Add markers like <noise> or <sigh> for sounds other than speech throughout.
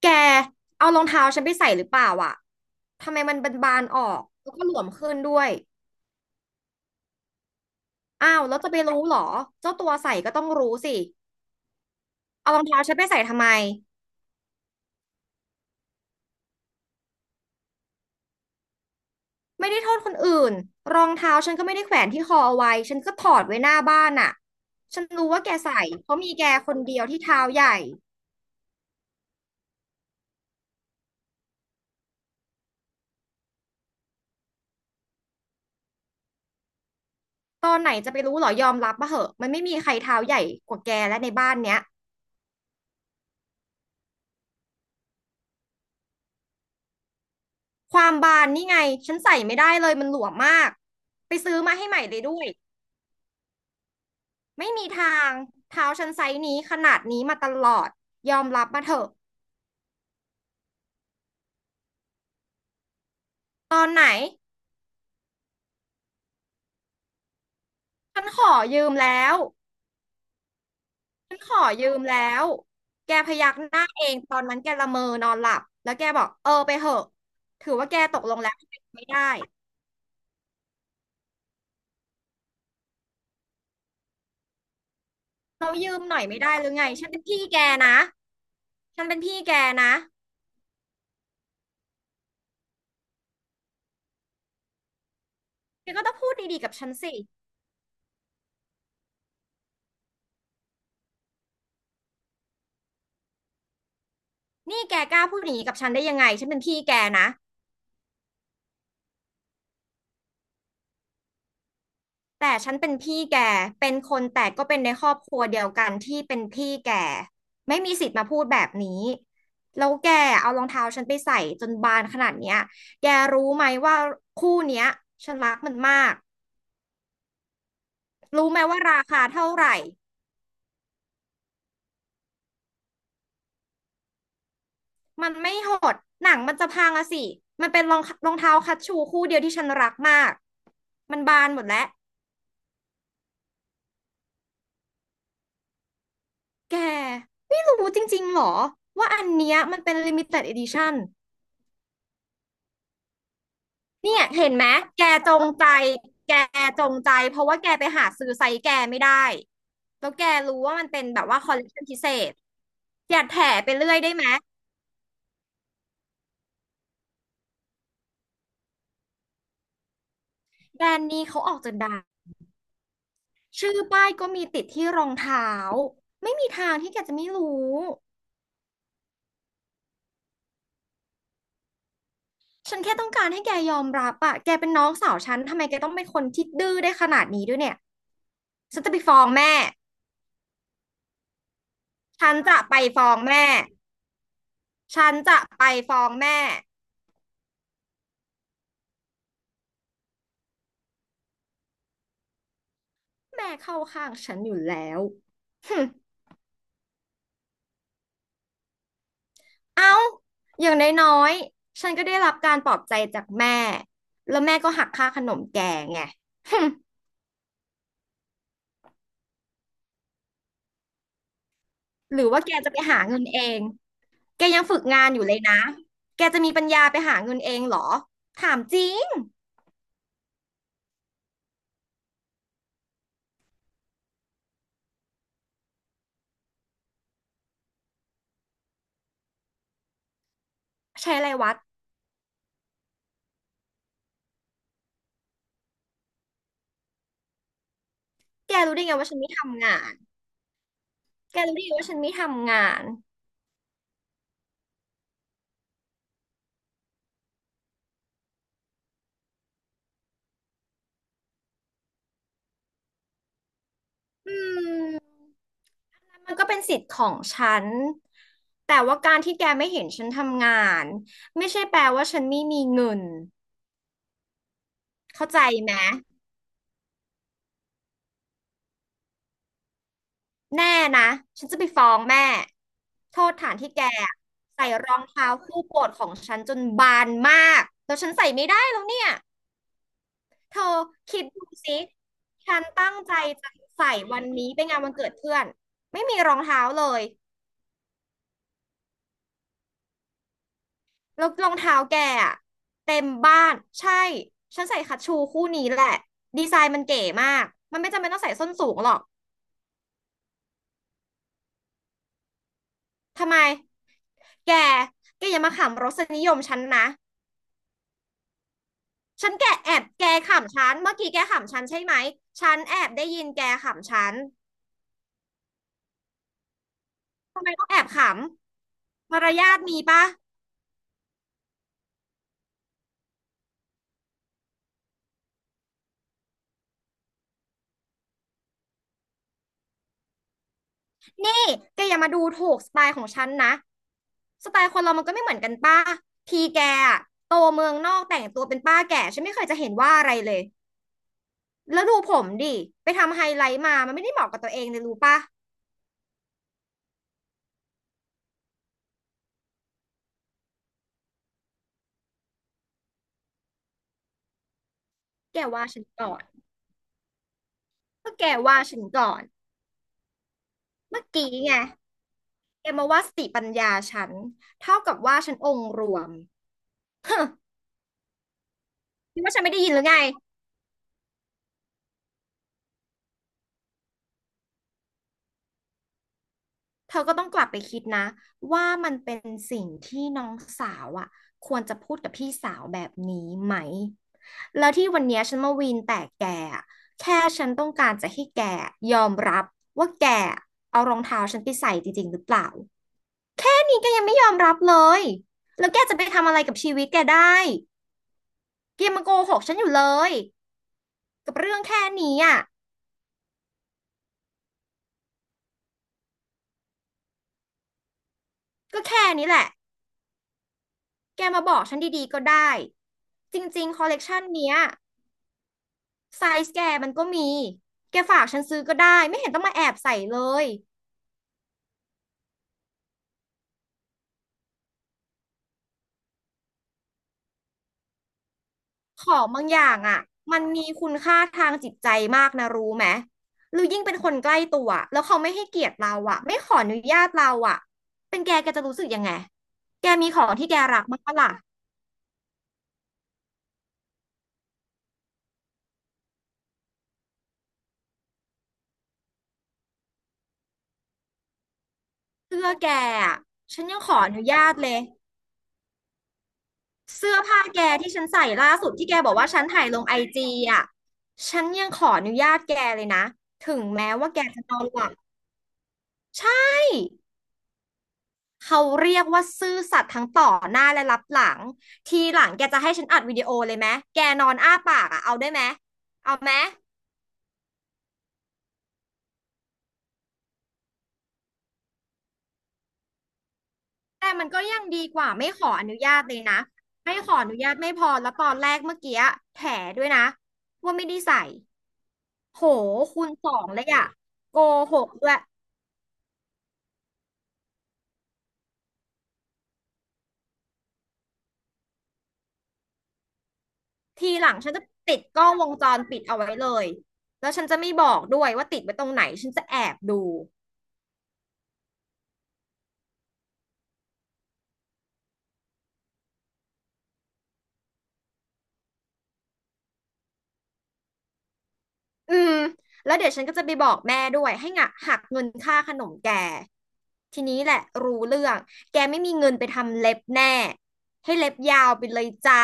แกเอารองเท้าฉันไปใส่หรือเปล่าอ่ะทำไมมันบานๆออกแล้วก็หลวมขึ้นด้วย อ้าวแล้วจะไปรู้เหรอ เจ้าตัวใส่ก็ต้องรู้สิ เอารองเท้าฉันไปใส่ทำไม ไม่ได้โทษคนอื่น รองเท้าฉันก็ไม่ได้แขวนที่คอเอาไว้ฉันก็ถอดไว้หน้าบ้านอ่ะฉันรู้ว่าแกใส่ เพราะมีแกคนเดียวที่เท้าใหญ่ ตอนไหนจะไปรู้เหรอยอมรับมาเหอะมันไม่มีใครเท้าใหญ่กว่าแกและในบ้านเนี้ยความบานนี่ไงฉันใส่ไม่ได้เลยมันหลวมมากไปซื้อมาให้ใหม่เลยด้วย ไม่มีทางเท้าฉันไซส์นี้ขนาดนี้มาตลอดยอมรับมาเถอะตอนไหนฉันขอยืมแล้วฉันขอยืมแล้วแกพยักหน้าเองตอนนั้นแกละเมอนอนหลับแล้วแกบอกเออไปเถอะถือว่าแกตกลงแล้วไม่ได้เรายืมหน่อยไม่ได้หรือไงฉันเป็นพี่แกนะฉันเป็นพี่แกนะแกก็ต้องพูดดีๆกับฉันสินี่แกกล้าพูดอย่างนี้กับฉันได้ยังไงฉันเป็นพี่แกนะ แต่ฉันเป็นพี่แกเป็นคนแต่ก็เป็นในครอบครัวเดียวกันที่เป็นพี่แกไม่มีสิทธิ์มาพูดแบบนี้แล้วแกเอารองเท้าฉันไปใส่จนบานขนาดเนี้ยแกรู้ไหมว่าคู่เนี้ยฉันรักมันมากรู้ไหมว่าราคาเท่าไหร่มันไม่หดหนังมันจะพังอะสิมันเป็นรองเท้าคัชชูคู่เดียวที่ฉันรักมากมันบานหมดแล้วแกไม่รู้จริงๆหรอว่าอันเนี้ยมันเป็นลิมิเต็ด edition เนี่ยเห็นไหมแกจงใจแกจงใจเพราะว่าแกไปหาซื้อไซส์แกไม่ได้แล้วแกรู้ว่ามันเป็นแบบว่าคอลเลคชันพิเศษอย่าแถไปเรื่อยได้ไหมแบรนด์นี้เขาออกจนดังชื่อป้ายก็มีติดที่รองเท้าไม่มีทางที่แกจะไม่รู้ฉันแค่ต้องการให้แกยอมรับอะแกเป็นน้องสาวฉันทำไมแกต้องเป็นคนที่ดื้อได้ขนาดนี้ด้วยเนี่ยฉันจะไปฟ้องแม่ฉันจะไปฟ้องแม่ฉันจะไปฟ้องแม่ แม่เข้าข้างฉันอยู่แล้ว <laughs> หึเอ้าอย่างน้อยๆฉันก็ได้รับการปลอบใจจากแม่แล้วแม่ก็หักค่าขนมแกไง <laughs> หึหรือว่าแกจะไปหาเงินเอง แกยังฝึกงานอยู่เลยนะ แกจะมีปัญญาไปหาเงินเองเหรอ ถามจริงใช้อะไรวัดแกรู้ได้ไงว่าฉันไม่ทำงาน แกรู้ได้ไงว่าฉันไม่ทำงาน อืม มันก็เป็นสิทธิ์ของฉัน แต่ว่าการที่แกไม่เห็นฉันทำงานไม่ใช่แปลว่าฉันไม่มีเงิน เข้าใจไหมแน่นะ ฉันจะไปฟ้องแม่ โทษฐานที่แกอะใส่รองเท้าคู่โปรดของฉันจนบานมากแล้วฉันใส่ไม่ได้แล้วเนี่ย เธอคิดดูสิฉันตั้งใจจะใส่วันนี้ไปงานวันเกิดเพื่อน ไม่มีรองเท้าเลย แล้วรองเท้าแกอะเต็มบ้านใช่ฉันใส่คัชชูคู่นี้แหละดีไซน์มันเก๋มากมันไม่จำเป็นต้องใส่ส้นสูงหรอกทำไมแกแกอย่ามาขำรสนิยมฉันนะฉันแกแอบแกขำฉันเมื่อกี้แกขำฉันใช่ไหมฉันแอบได้ยินแกขำฉันทำไมต้องแอบขำมารยาทมีปะนี่แกอย่ามาดูถูกสไตล์ของฉันนะสไตล์คนเรามันก็ไม่เหมือนกันป้าทีแกอะโตเมืองนอกแต่งตัวเป็นป้าแก่ฉันไม่เคยจะเห็นว่าอะไรเลย แล้วดูผมดิ ไปทำไฮไลท์มา มันไม่ได้เหมาะกับตัวเองเลยรู้ปะแกว่าฉันก่อนก็แกว่าฉันก่อนเมื่อกี้ไงแกมาว่าสติปัญญาฉันเท่ากับว่าฉันองค์รวมฮึคิดว่าฉันไม่ได้ยินหรือไงเธอก็ต้องกลับไปคิดนะว่ามันเป็นสิ่งที่น้องสาวอ่ะควรจะพูดกับพี่สาวแบบนี้ไหมแล้วที่วันเนี้ยฉันมาวีนแต่แกอะแค่ฉันต้องการจะให้แกยอมรับว่าแกเอารองเท้าฉันไปใส่จริงๆหรือเปล่า นี่แกยังไม่ยอมรับเลยแล้วแกจะไปทำอะไรกับชีวิตแกได้แกยังมาโกหกฉันอยู่เลยกับเรื่องแค่นี้อ่ะก็แค่นี้แหละแกมาบอกฉันดีๆก็ได้จริงๆคอลเลกชันเนี้ยไซส์แกมันก็มีแกฝากฉันซื้อก็ได้ไม่เห็นต้องมาแอบใส่เลยของบางอย่างอ่ะมันมีคุณค่าทางจิตใจมากนะรู้ไหมหรือยิ่งเป็นคนใกล้ตัวแล้วเขาไม่ให้เกียรติเราอ่ะไม่ขออนุญาตเราอ่ะเป็นแกแกจะรู้สึกยังไง แกมีของที่แกรักมั้างปะล่ะ เสื้อแกอะฉันยังขออนุญาตเลยเสื้อผ้าแกที่ฉันใส่ล่าสุดที่แกบอกว่าฉันถ่ายลงไอจีอ่ะฉันยังขออนุญาตแกเลยนะถึงแม้ว่าแกจะนอนหลับใช่เขาเรียกว่าซื่อสัตย์ทั้งต่อหน้าและรับหลังทีหลังแกจะให้ฉันอัดวิดีโอเลยไหมแกนอนอ้าปากอ่ะเอาได้ไหมเอาไหมแต่มันก็ยังดีกว่าไม่ขออนุญาตเลยนะไม่ขออนุญาตไม่พอแล้วตอนแรกเมื่อกี้แถด้วยนะว่าไม่ได้ใส่ โหคูณสองเลยอะโกหกด้วยทีหลังฉันจะติดกล้องวงจรปิดเอาไว้เลยแล้วฉันจะไม่บอกด้วยว่าติดไว้ตรงไหนฉันจะแอบดูอืมแล้วเดี๋ยวฉันก็จะไปบอกแม่ด้วยให้งะหักเงินค่าขนมแกทีนี้แหละรู้เรื่องแกไม่มีเงินไปทำเล็บแน่ให้เล็บยาวไปเลยจ้า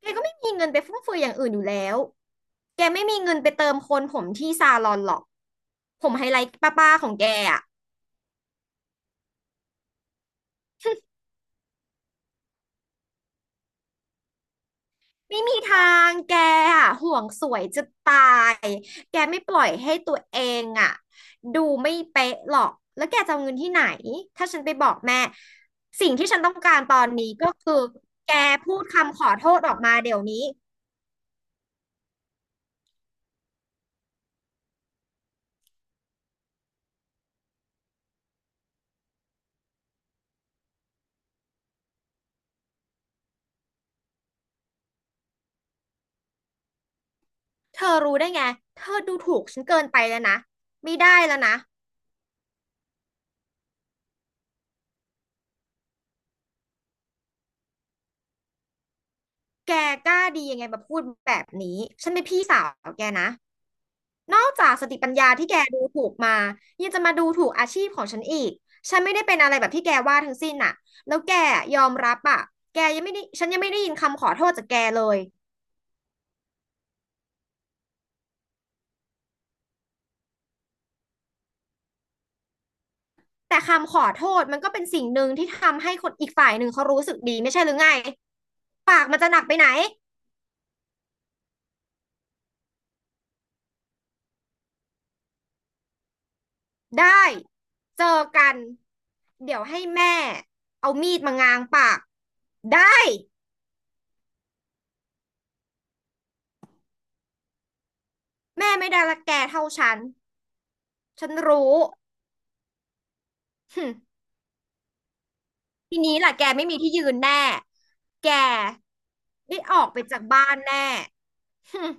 แกก็ไม่มีเงินไปฟุ่มเฟือยอย่างอื่นอยู่แล้วแกไม่มีเงินไปเติมโคนผมที่ซาลอนหรอกผมไฮไลท์ป้าๆของแกอะ ไม่มีทางแกอะห่วงสวยจะตายแกไม่ปล่อยให้ตัวเองอะดูไม่เป๊ะหรอกแล้วแกจะเอาเงินที่ไหนถ้าฉันไปบอกแม่สิ่งที่ฉันต้องการตอนนี้ก็คือแกพูดคำขอโทษออกมาเดี๋ยวนี้เธอรู้ได้ไงเธอดูถูกฉันเกินไปแล้วนะไม่ได้แล้วนะแกกล้าดียังไงมาพูดแบบนี้ฉันเป็นพี่สาวแกนะ นอกจากสติปัญญาที่แกดูถูกมายังจะมาดูถูกอาชีพของฉันอีกฉันไม่ได้เป็นอะไรแบบที่แกว่าทั้งสิ้นน่ะแล้วแกยอมรับอ่ะแกยังไม่ได้ฉันยังไม่ได้ยินคำขอโทษจากแกเลยแต่คำขอโทษมันก็เป็นสิ่งหนึ่งที่ทำให้คนอีกฝ่ายหนึ่งเขารู้สึกดีไม่ใช่หรือไงปากมันจะหนักไปไหนได้เจอกันเดี๋ยวให้แม่เอามีดมางางปากได้แม่ไม่ได้รักแกเท่าฉันฉันรู้หึ ทีนี้ล่ะแกไม่มีที่ยืนแน่ แกได้ออกไปจากบ้านแน่ <laughs>